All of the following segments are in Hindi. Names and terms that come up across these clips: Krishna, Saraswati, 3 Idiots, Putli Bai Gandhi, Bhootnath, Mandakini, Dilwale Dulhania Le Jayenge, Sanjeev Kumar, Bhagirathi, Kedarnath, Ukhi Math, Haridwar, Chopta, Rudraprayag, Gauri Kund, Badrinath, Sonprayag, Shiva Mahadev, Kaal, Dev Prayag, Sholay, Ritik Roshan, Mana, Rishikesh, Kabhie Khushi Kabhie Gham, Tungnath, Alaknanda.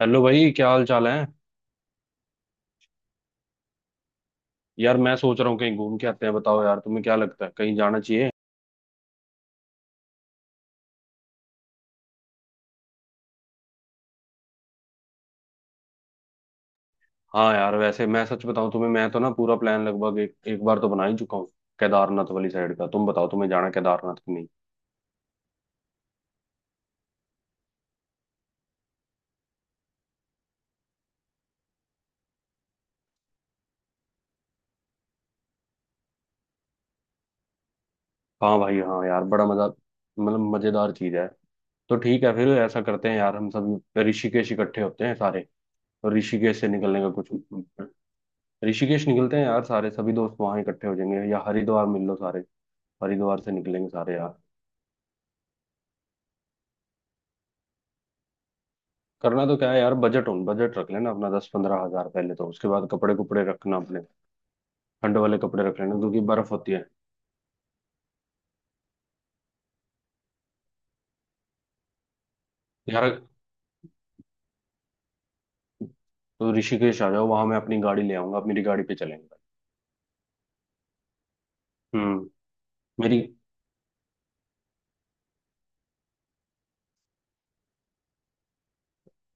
हेलो भाई, क्या हाल चाल है? यार मैं सोच रहा हूँ कहीं घूम के आते हैं। बताओ यार, तुम्हें क्या लगता है? कहीं जाना चाहिए? हाँ यार, वैसे मैं सच बताऊँ तुम्हें, मैं तो ना पूरा प्लान लगभग एक बार तो बना ही चुका हूँ। केदारनाथ वाली साइड का। तुम बताओ तुम्हें जाना है केदारनाथ की नहीं? हाँ भाई, हाँ यार, बड़ा मजा, मतलब मजेदार चीज है। तो ठीक है, फिर ऐसा करते हैं यार, हम सब ऋषिकेश इकट्ठे होते हैं सारे। और ऋषिकेश से निकलने का कुछ, ऋषिकेश निकलते हैं यार सारे, सभी दोस्त वहां इकट्ठे हो जाएंगे, या हरिद्वार मिल लो सारे। हरिद्वार से निकलेंगे सारे यार। करना तो क्या है यार, बजट उन बजट रख लेना अपना, 10 15 हजार पहले तो, उसके बाद कपड़े कुपड़े रखना अपने। ठंड वाले कपड़े रख लेना क्योंकि बर्फ होती है। यार तो ऋषिकेश आ जाओ, वहां मैं अपनी गाड़ी ले आऊंगा, अपनी गाड़ी पे चलेंगे। हम्म। मेरी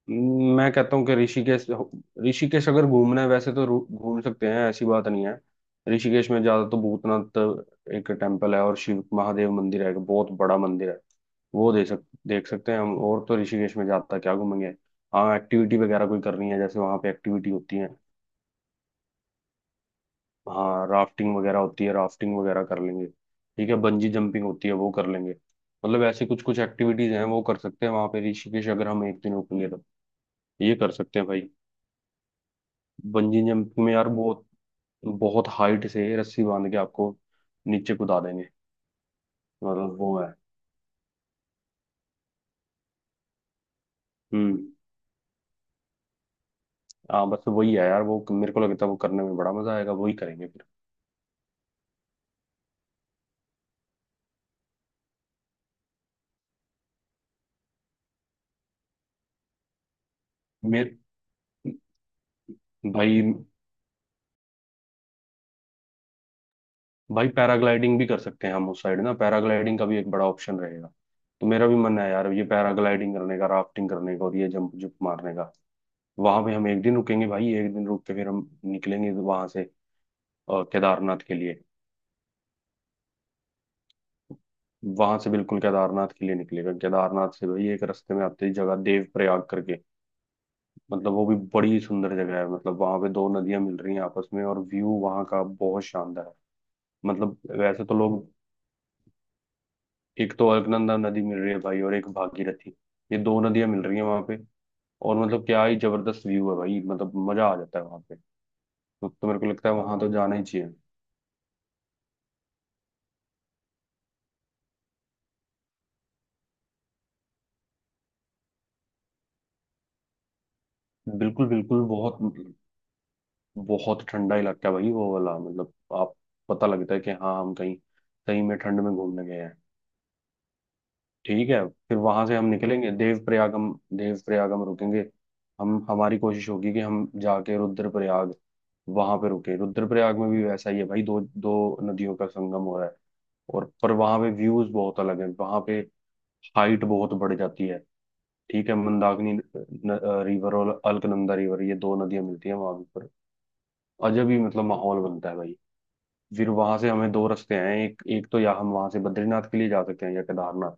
मैं कहता हूँ कि ऋषिकेश, ऋषिकेश अगर घूमना है वैसे तो घूम सकते हैं, ऐसी बात नहीं है। ऋषिकेश में ज्यादा तो भूतनाथ एक टेम्पल है, और शिव महादेव मंदिर है, एक बहुत बड़ा मंदिर है, वो दे सक देख सकते हैं हम, और तो ऋषिकेश में ज्यादा क्या घूमेंगे? हाँ एक्टिविटी वगैरह कोई करनी है जैसे, वहाँ पे एक्टिविटी होती है। हाँ राफ्टिंग वगैरह होती है, राफ्टिंग वगैरह कर लेंगे, ठीक है, बंजी जंपिंग होती है, वो कर लेंगे। मतलब ऐसी कुछ कुछ एक्टिविटीज हैं, वो कर सकते हैं वहाँ पे ऋषिकेश, अगर हम एक दिन रुकेंगे तो ये कर सकते हैं भाई। बंजी जंपिंग में यार बहुत बहुत हाइट से रस्सी बांध के आपको नीचे कूदा देंगे, मतलब वो है। हम्म। हाँ बस वही है यार, वो मेरे को लगता है वो करने में बड़ा मजा आएगा, वही करेंगे फिर। मेरे भाई भाई पैराग्लाइडिंग भी कर सकते हैं हम, उस साइड ना पैराग्लाइडिंग का भी एक बड़ा ऑप्शन रहेगा। तो मेरा भी मन है यार, ये पैराग्लाइडिंग करने का, राफ्टिंग करने का, और ये जंप जुप मारने का। वहां पे हम एक दिन रुकेंगे भाई, एक दिन रुक के फिर हम निकलेंगे वहां से केदारनाथ के लिए। वहां से बिल्कुल केदारनाथ के लिए निकलेगा। केदारनाथ से भाई एक रास्ते में आते ही जगह देव प्रयाग करके, मतलब वो भी बड़ी सुंदर जगह है, मतलब वहां पे दो नदियां मिल रही हैं आपस में, और व्यू वहां का बहुत शानदार है। मतलब वैसे तो लोग। एक तो अलकनंदा नदी मिल रही है भाई, और एक भागीरथी, ये दो नदियां मिल रही हैं वहां पे। और मतलब क्या ही जबरदस्त व्यू है भाई, मतलब मजा आ जाता है वहां पे। तो मेरे को लगता है वहां तो जाना ही चाहिए। बिल्कुल बिल्कुल, बहुत बहुत ठंडा इलाका है भाई वो वाला, मतलब आप पता लगता है कि हाँ हम कहीं सही में ठंड में घूमने गए हैं। ठीक है, फिर वहां से हम निकलेंगे देवप्रयाग, हम देवप्रयाग हम रुकेंगे। हम हमारी कोशिश होगी कि हम जाके रुद्रप्रयाग वहां पे रुके, रुद्रप्रयाग में भी वैसा ही है भाई, दो दो नदियों का संगम हो रहा है, और पर वहां पे व्यूज बहुत अलग है, वहां पे हाइट बहुत बढ़ जाती है। ठीक है, मंदाकिनी रिवर और अलकनंदा रिवर, ये दो नदियां मिलती हैं वहां पर, अजब ही मतलब माहौल बनता है भाई। फिर वहां से हमें दो रास्ते हैं, एक एक तो या हम वहां से बद्रीनाथ के लिए जा सकते हैं या केदारनाथ,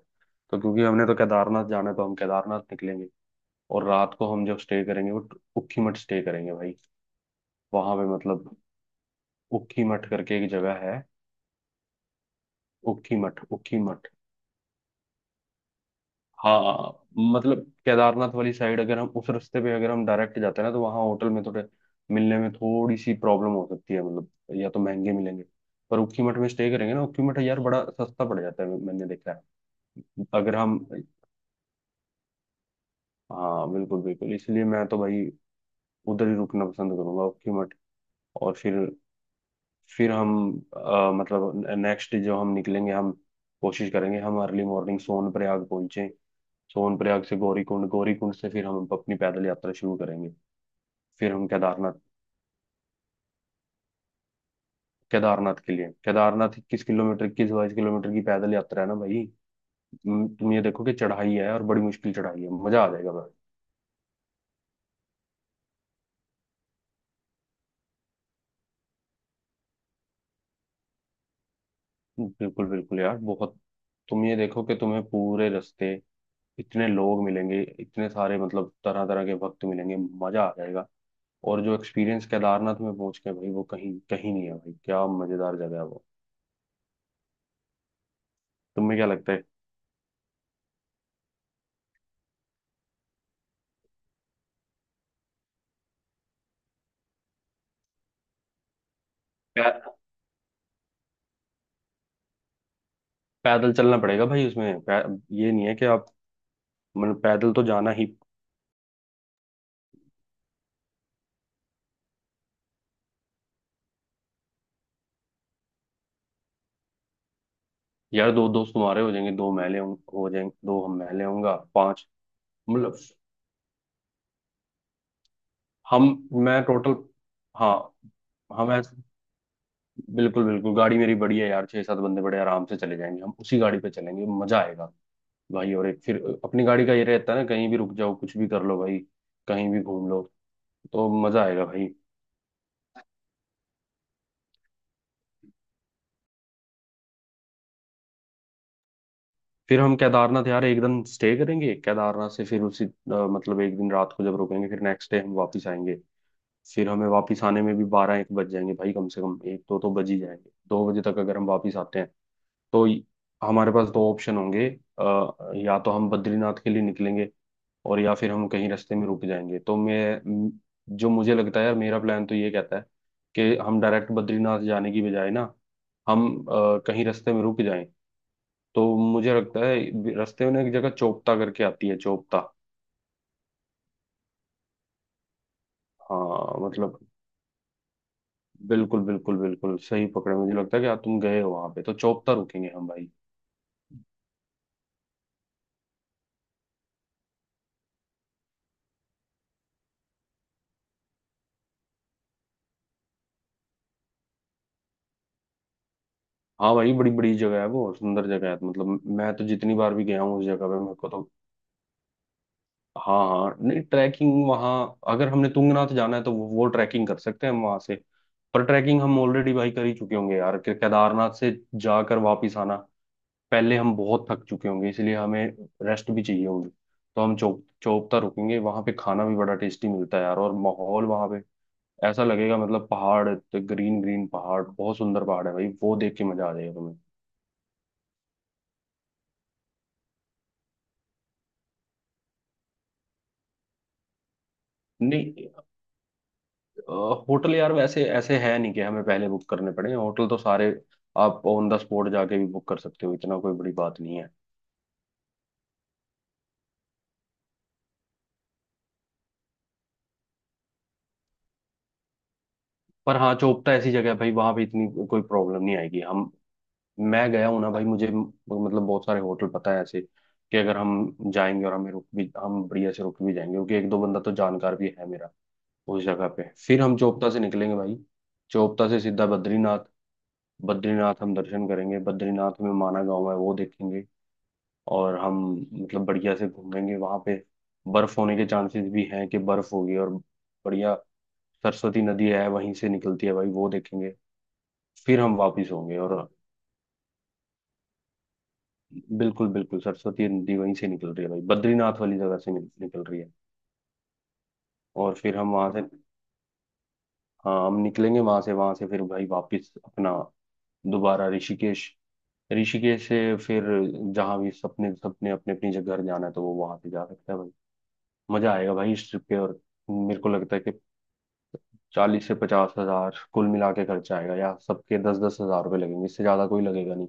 तो क्योंकि हमने तो केदारनाथ जाना है, तो हम केदारनाथ निकलेंगे। और रात को हम जब स्टे करेंगे, वो उखी मठ स्टे करेंगे भाई, वहां पे मतलब उखी मठ करके एक जगह है। उखी मठ, उखी मठ, हाँ मतलब केदारनाथ वाली साइड अगर हम उस रास्ते पे अगर हम डायरेक्ट जाते हैं ना, तो वहाँ होटल में थोड़े मिलने में थोड़ी सी प्रॉब्लम हो सकती है, मतलब या तो महंगे मिलेंगे, पर उखी मठ में स्टे करेंगे ना, उखी मठ यार बड़ा सस्ता पड़ जाता है, मैंने देखा है। अगर हम, हाँ बिल्कुल बिल्कुल, इसलिए मैं तो भाई उधर ही रुकना पसंद करूंगा, ओखी मठ। और फिर हम मतलब नेक्स्ट जो हम निकलेंगे, हम कोशिश करेंगे हम अर्ली मॉर्निंग सोनप्रयाग पहुंचे। सोनप्रयाग से गौरीकुंड, गौरीकुंड से फिर हम अपनी पैदल यात्रा शुरू करेंगे। फिर हम केदारनाथ, केदारनाथ के लिए, केदारनाथ 21 किलोमीटर, 21 22 किलोमीटर की पैदल यात्रा है ना भाई। तुम ये देखो कि चढ़ाई है और बड़ी मुश्किल चढ़ाई है, मजा आ जाएगा भाई। बिल्कुल बिल्कुल यार, बहुत, तुम ये देखो कि तुम्हें पूरे रास्ते इतने लोग मिलेंगे इतने सारे, मतलब तरह तरह के भक्त मिलेंगे, मजा आ जाएगा। और जो एक्सपीरियंस केदारनाथ में पहुंच के भाई, वो कहीं कहीं नहीं है भाई, क्या मजेदार जगह है वो, तुम्हें क्या लगता है? पै- पैदल चलना पड़ेगा भाई, उसमें ये नहीं है कि आप, मतलब पैदल तो जाना ही। यार दो दोस्त तुम्हारे हो जाएंगे, दो मैले हो जाएंगे, दो हम मैले होऊंगा पांच, मतलब हम मैं टोटल, हाँ हम ऐसे, बिल्कुल बिल्कुल, गाड़ी मेरी बड़ी है यार, छह सात बंदे बड़े आराम से चले जाएंगे, हम उसी गाड़ी पे चलेंगे, मजा आएगा भाई। और एक फिर अपनी गाड़ी का ये रहता है ना, कहीं भी रुक जाओ कुछ भी कर लो भाई, कहीं भी घूम लो, तो मजा आएगा भाई। फिर हम केदारनाथ यार एक दिन स्टे करेंगे, केदारनाथ से फिर उसी मतलब एक दिन रात को जब रुकेंगे फिर नेक्स्ट डे हम वापस आएंगे। फिर हमें वापस आने में भी 12 1 बज जाएंगे भाई, कम से कम एक दो तो बज ही जाएंगे, 2 बजे तक अगर हम वापस आते हैं तो हमारे पास दो ऑप्शन होंगे, अ, या तो हम बद्रीनाथ के लिए निकलेंगे, और या फिर हम कहीं रास्ते में रुक जाएंगे। तो म- जो मुझे लगता है यार, मेरा प्लान तो ये कहता है कि हम डायरेक्ट बद्रीनाथ जाने की बजाय ना, हम कहीं रास्ते में रुक जाएं। तो मुझे लगता है रास्ते में ना एक जगह चोपता करके आती है, चोपता, हाँ मतलब बिल्कुल बिल्कुल बिल्कुल सही पकड़े, मुझे लगता है कि आप तुम गए हो वहां पे, तो चोपता रुकेंगे हम भाई। हाँ भाई बड़ी बड़ी जगह है, वो सुंदर जगह है, मतलब मैं तो जितनी बार भी गया हूँ उस जगह पे, मेरे को तो हाँ हाँ, नहीं ट्रैकिंग वहाँ अगर हमने तुंगनाथ जाना है तो वो ट्रैकिंग कर सकते हैं हम वहाँ से, पर ट्रैकिंग हम ऑलरेडी भाई कर ही चुके होंगे यार, कि केदारनाथ से जाकर वापिस आना, पहले हम बहुत थक चुके होंगे, इसलिए हमें रेस्ट भी चाहिए होगी, तो हम चौपता रुकेंगे, वहाँ पे खाना भी बड़ा टेस्टी मिलता है यार, और माहौल वहाँ पे ऐसा लगेगा, मतलब पहाड़, ग्रीन ग्रीन पहाड़, बहुत सुंदर पहाड़ है भाई, वो देख के मजा आ जाएगा तुम्हें। नहीं, होटल यार वैसे ऐसे है नहीं कि हमें पहले बुक करने पड़े, होटल तो सारे आप ऑन द स्पॉट जाके भी बुक कर सकते हो, इतना कोई बड़ी बात नहीं है। पर हाँ चोपता ऐसी जगह है भाई वहां पे इतनी कोई प्रॉब्लम नहीं आएगी। हम, मैं गया हूँ ना भाई, मुझे मतलब बहुत सारे होटल पता है ऐसे कि अगर हम जाएंगे और हमें रुक भी, हम बढ़िया से रुक भी जाएंगे, क्योंकि एक दो बंदा तो जानकार भी है मेरा उस जगह पे। फिर हम चोपता से निकलेंगे भाई, चोपता से सीधा बद्रीनाथ, बद्रीनाथ हम दर्शन करेंगे, बद्रीनाथ में माना गांव है वो देखेंगे, और हम मतलब बढ़िया से घूमेंगे वहां पे। बर्फ होने के चांसेस भी हैं कि बर्फ होगी, और बढ़िया, सरस्वती नदी है वहीं से निकलती है भाई, वो देखेंगे। फिर हम वापिस होंगे और, बिल्कुल बिल्कुल, सरस्वती नदी वहीं से निकल रही है भाई, बद्रीनाथ वाली जगह से निकल रही है। और फिर हम वहां से, हाँ हम निकलेंगे वहां से, वहां से फिर भाई वापिस अपना दोबारा ऋषिकेश, ऋषिकेश से फिर जहाँ भी सपने सपने अपने अपनी जगह घर जाना है तो वो वहां पे जा सकता है भाई। मजा आएगा भाई इस ट्रिप पे, और मेरे को लगता है कि 40 से 50 हजार कुल मिला के खर्चा आएगा, या सबके 10 10 हजार रुपये लगेंगे, इससे ज्यादा कोई लगेगा नहीं।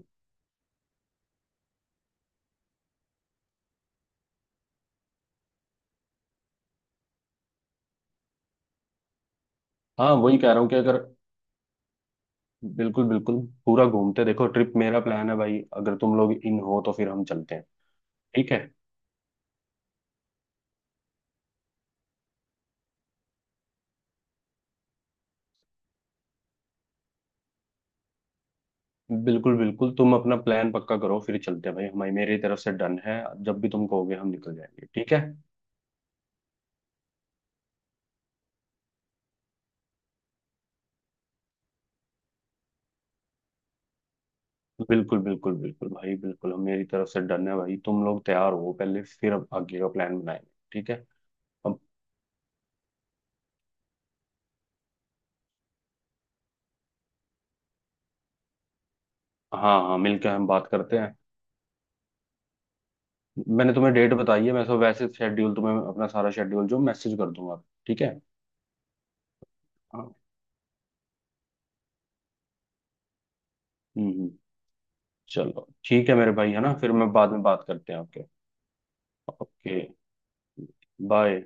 हाँ वही कह रहा हूँ कि अगर, बिल्कुल बिल्कुल, पूरा घूमते देखो ट्रिप, मेरा प्लान है भाई, अगर तुम लोग इन हो तो फिर हम चलते हैं, ठीक है। बिल्कुल बिल्कुल, तुम अपना प्लान पक्का करो फिर चलते हैं भाई, हमारी मेरी तरफ से डन है, जब भी तुम कहोगे हम निकल जाएंगे, ठीक है। बिल्कुल बिल्कुल बिल्कुल भाई बिल्कुल, हम मेरी तरफ से डन है भाई, तुम लोग तैयार हो पहले, फिर अब आगे का प्लान बनाएंगे, ठीक है। अब, हाँ हाँ मिलकर हम बात करते हैं। मैंने तुम्हें डेट बताई है, मैं तो वैसे शेड्यूल, तुम्हें अपना सारा शेड्यूल जो मैसेज कर दूंगा, ठीक है। हाँ। हम्म, चलो ठीक है मेरे भाई, है ना, फिर मैं बाद में बात करते हैं आपके। Okay, bye.